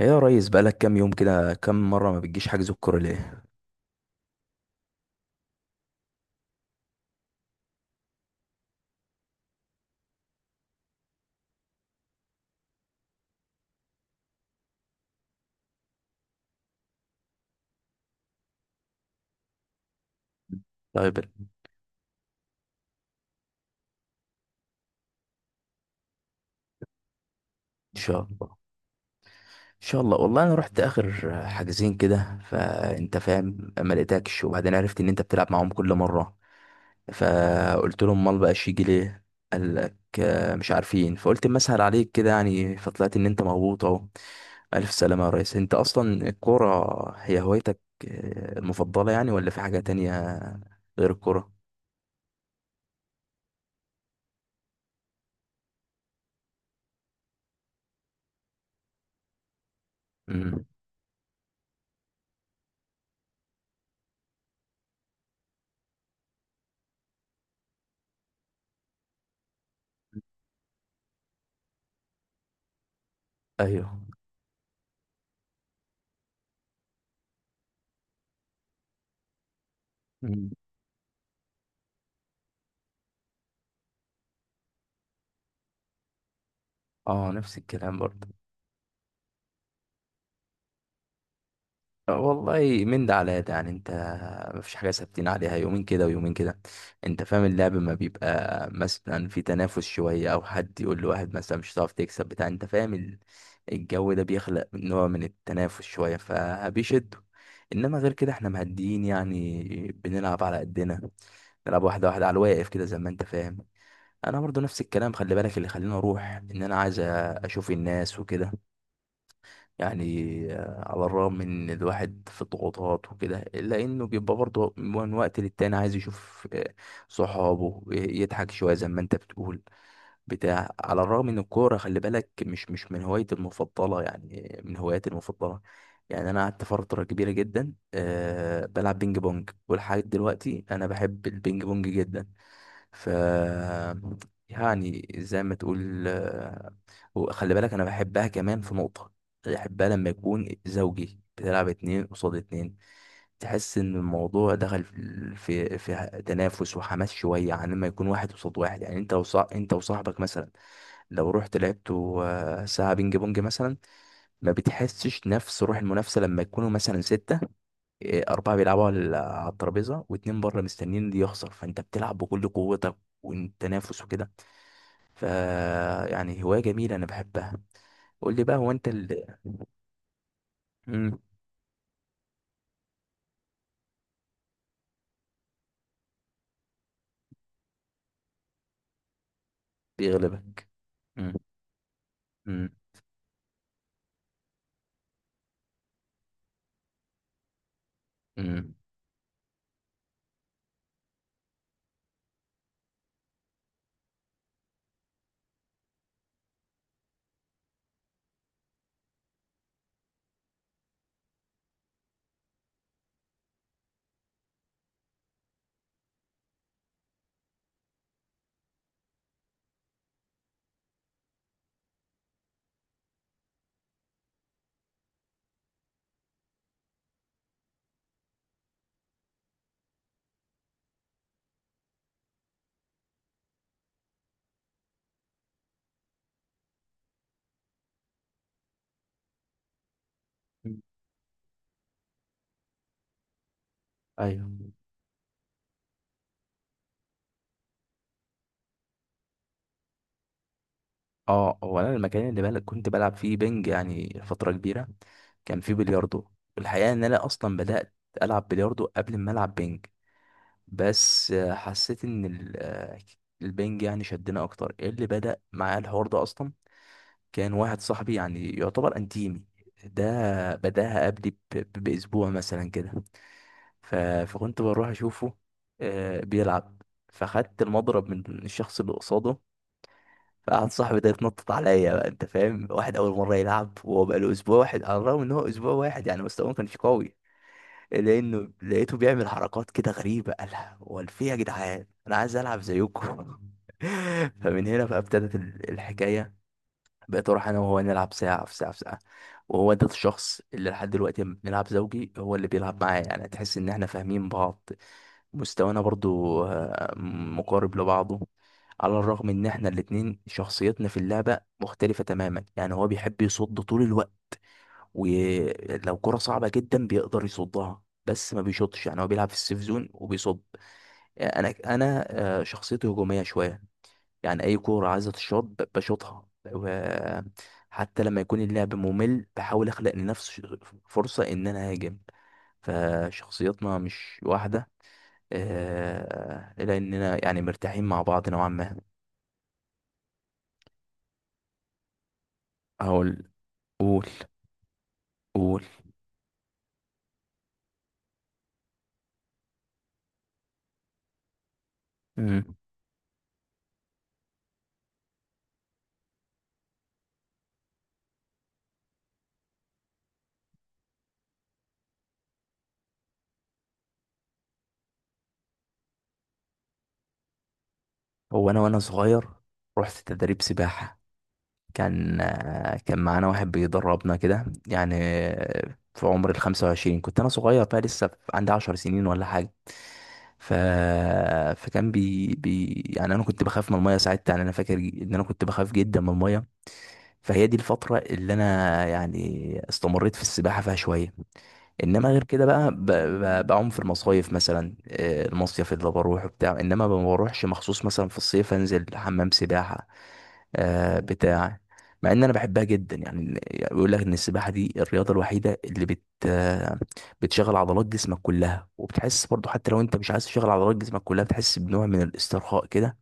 ايه يا ريس، بقالك كام يوم كده كام مرة ما بتجيش حجز الكورة ليه؟ طيب، ان شاء الله ان شاء الله. والله انا رحت اخر حاجزين كده فانت فاهم، ما لقيتكش، وبعدين عرفت ان انت بتلعب معاهم كل مرة. فقلت لهم امال بقاش يجي ليه؟ قال لك آه، مش عارفين. فقلت اما اسهل عليك كده يعني، فطلعت ان انت مغبوط اهو. الف سلامة يا ريس، انت اصلا الكورة هي هوايتك المفضلة يعني، ولا في حاجة تانية غير الكورة؟ امم. ايوه. مم. اه، نفس الكلام برضه. والله من ده على ده يعني، انت مفيش حاجه ثابتين عليها، يومين كده ويومين كده. انت فاهم، اللعب ما بيبقى مثلا في تنافس شويه، او حد يقول لواحد مثلا مش هتعرف تكسب بتاع، انت فاهم الجو ده بيخلق نوع من التنافس شويه فبيشدوا. انما غير كده احنا مهديين يعني، بنلعب على قدنا، نلعب واحده واحده على الواقف كده زي ما انت فاهم. انا برضو نفس الكلام. خلي بالك اللي خليني اروح ان انا عايز اشوف الناس وكده يعني. على الرغم من إن الواحد في الضغوطات وكده، إلا إنه بيبقى برضه من وقت للتاني عايز يشوف صحابه، يضحك شوية زي ما أنت بتقول بتاع. على الرغم إن الكورة، خلي بالك، مش من هوايتي المفضلة يعني، من هواياتي المفضلة يعني. أنا قعدت فترة كبيرة جدا بلعب بينج بونج، ولحد دلوقتي أنا بحب البينج بونج جدا. ف يعني زي ما تقول. وخلي بالك انا بحبها كمان في نقطة. بحبها لما يكون زوجي بتلعب اتنين قصاد اتنين، تحس ان الموضوع دخل في في تنافس وحماس شوية، عن لما يكون واحد قصاد واحد يعني. انت انت وصاحبك مثلا لو رحت لعبتوا ساعة بينج بونج مثلا، ما بتحسش نفس روح المنافسة لما يكونوا مثلا ستة، أربعة بيلعبوا على الترابيزة واتنين بره مستنيين دي يخسر، فأنت بتلعب بكل قوتك والتنافس وكده. ف يعني هواية جميلة أنا بحبها. قول لي بقى، هو أنت اللي... مم، بيغلبك. مم، مم، مم. مم. أيوه. أه، هو أنا المكان اللي كنت بلعب فيه بنج يعني فترة كبيرة، كان فيه بلياردو. الحقيقة إن أنا أصلا بدأت ألعب بلياردو قبل ما ألعب بنج. بس حسيت إن البنج يعني شدنا أكتر. إيه اللي بدأ معايا الحوار ده أصلا؟ كان واحد صاحبي يعني يعتبر انتيمي، ده بداها قبلي باسبوع مثلا كده. ف- فكنت بروح اشوفه بيلعب. فخدت المضرب من الشخص اللي قصاده، فقعد صاحبي ده يتنطط عليا. بقى انت فاهم، واحد اول مره يلعب وهو بقى له اسبوع واحد، على الرغم ان هو اسبوع واحد يعني مستواه ما كانش قوي، لانه لقيته بيعمل حركات كده غريبه. قالها هو، في إيه يا جدعان، انا عايز العب زيكم. فمن هنا بقى ابتدت الحكايه. بقيت اروح انا وهو نلعب ساعه في ساعه في ساعه. وهو ده الشخص اللي لحد دلوقتي لما بنلعب زوجي هو اللي بيلعب معايا، يعني تحس ان احنا فاهمين بعض. مستوانا برضو مقارب لبعضه. على الرغم ان احنا الاتنين شخصيتنا في اللعبة مختلفة تماما، يعني هو بيحب يصد طول الوقت، ولو كرة صعبة جدا بيقدر يصدها، بس ما بيشوطش. يعني هو بيلعب في السيف زون وبيصد. يعني انا شخصيتي هجومية شوية، يعني اي كوره عايزه تشوط بشوطها. وحتى لما يكون اللعب ممل، بحاول اخلق لنفسي فرصه ان انا اهاجم. فشخصياتنا مش واحده، لاننا يعني مرتاحين مع بعض نوعا ما. اقول. قول. قول. مم. هو انا وانا صغير رحت تدريب سباحه. كان معانا واحد بيدربنا كده يعني، في عمر 25، كنت أنا صغير بقى، لسه عندي 10 سنين ولا حاجة. ف... فكان بي... بي... يعني انا كنت بخاف من الميه ساعتها. يعني انا فاكر ان انا كنت بخاف جدا من الميه. فهي دي الفتره اللي انا يعني استمريت في السباحه فيها شويه. انما غير كده بقى بعوم في المصايف مثلا، المصيف اللي بروح وبتاع. انما ما بروحش مخصوص مثلا في الصيف انزل حمام سباحه بتاع، مع ان انا بحبها جدا. يعني بيقول لك ان السباحه دي الرياضه الوحيده اللي بت آه، بتشغل عضلات جسمك كلها، وبتحس برضو حتى لو انت مش عايز تشغل عضلات جسمك كلها، بتحس بنوع من الاسترخاء كده.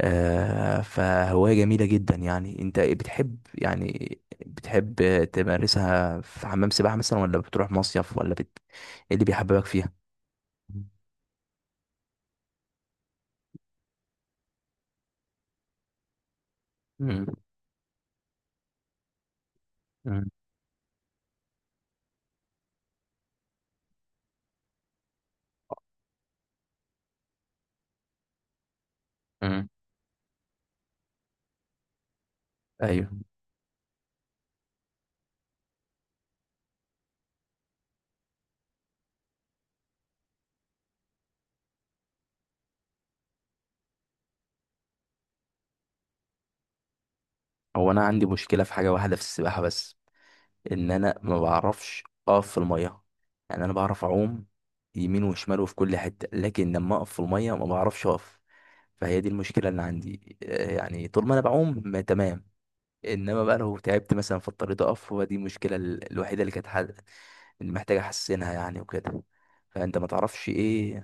فهوايه جميله جدا يعني. انت بتحب يعني بتحب تمارسها في حمام سباحه مثلا، ولا بتروح مصيف، ولا ايه اللي بيحببك فيها؟ مم. مم. مم. ايوه. هو انا عندي مشكله في حاجه واحده في السباحه بس، ان انا ما بعرفش اقف في الميه. يعني انا بعرف اعوم يمين وشمال وفي كل حته، لكن لما اقف في الميه ما بعرفش اقف. فهي دي المشكله اللي عندي، يعني طول ما انا بعوم ما تمام، انما بقى لو تعبت مثلا في الطريق اقف، هو دي المشكله الوحيده اللي كانت اللي محتاج احسنها يعني وكده. فانت ما تعرفش ايه؟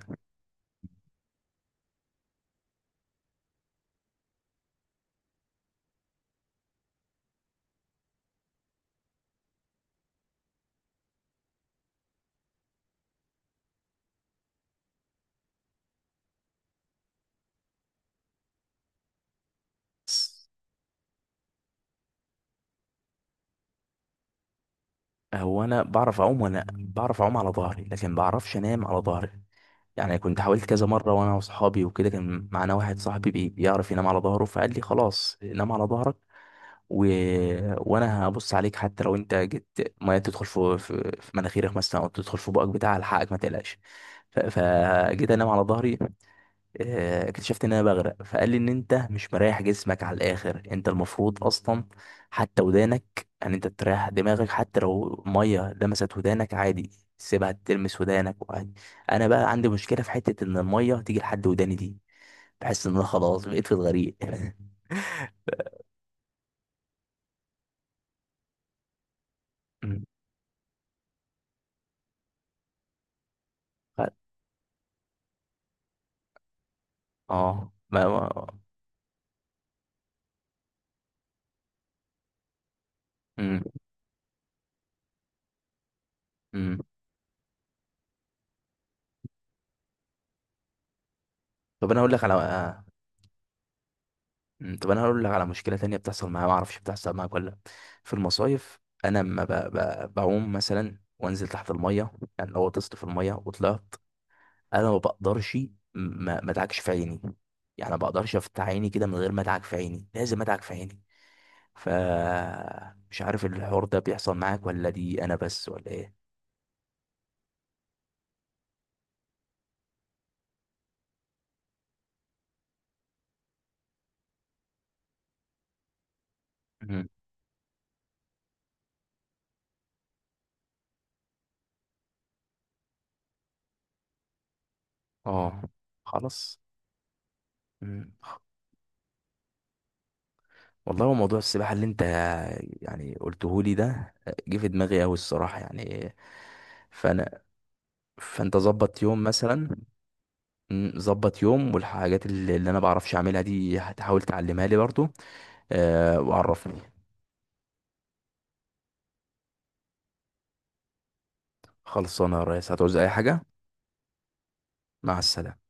هو انا بعرف اعوم، وانا بعرف اعوم على ظهري، لكن بعرفش انام على ظهري. يعني كنت حاولت كذا مره وانا واصحابي وكده، كان معانا واحد صاحبي بيعرف ينام على ظهره، فقال لي خلاص نام على ظهرك و... وانا هبص عليك. حتى لو انت جيت ميه تدخل في في مناخيرك مثلا، او تدخل في بقك بتاع، الحقك ما تقلقش. فجيت انام على ظهري، اكتشفت ان انا بغرق. فقال لي ان انت مش مريح جسمك على الاخر. انت المفروض اصلا حتى ودانك، ان انت تريح دماغك، حتى لو ميه لمست ودانك عادي، سيبها تلمس ودانك وعادي. انا بقى عندي مشكله في حته ان الميه تيجي لحد وداني دي، بحس ان انا خلاص بقيت في الغريق. مم. ف- اه، مم. مم. طب انا اقول لك على... مم، طب انا هقول لك على مشكله تانية بتحصل معايا، ما اعرفش بتحصل معايا ولا لأ. في المصايف انا لما بعوم مثلا وانزل تحت الميه، يعني لو غطست في الميه وطلعت، انا ما بقدرش ما ادعكش في عيني. يعني ما بقدرش افتح عيني كده من غير ما ادعك في عيني، لازم ادعك في عيني. ف مش عارف الحوار ده بيحصل معاك، ولا دي انا بس ولا ايه؟ مم. اه. خلاص. مم. والله هو موضوع السباحة اللي انت يعني قلته لي ده، جه في دماغي اوي الصراحة يعني. فانا فانت ظبط يوم مثلا. مم، ظبط يوم، والحاجات اللي انا بعرفش اعملها دي هتحاول تعلمها لي برضو. أه، وعرفني. خلصانة يا ريس، هتعوز اي حاجة؟ مع السلامة.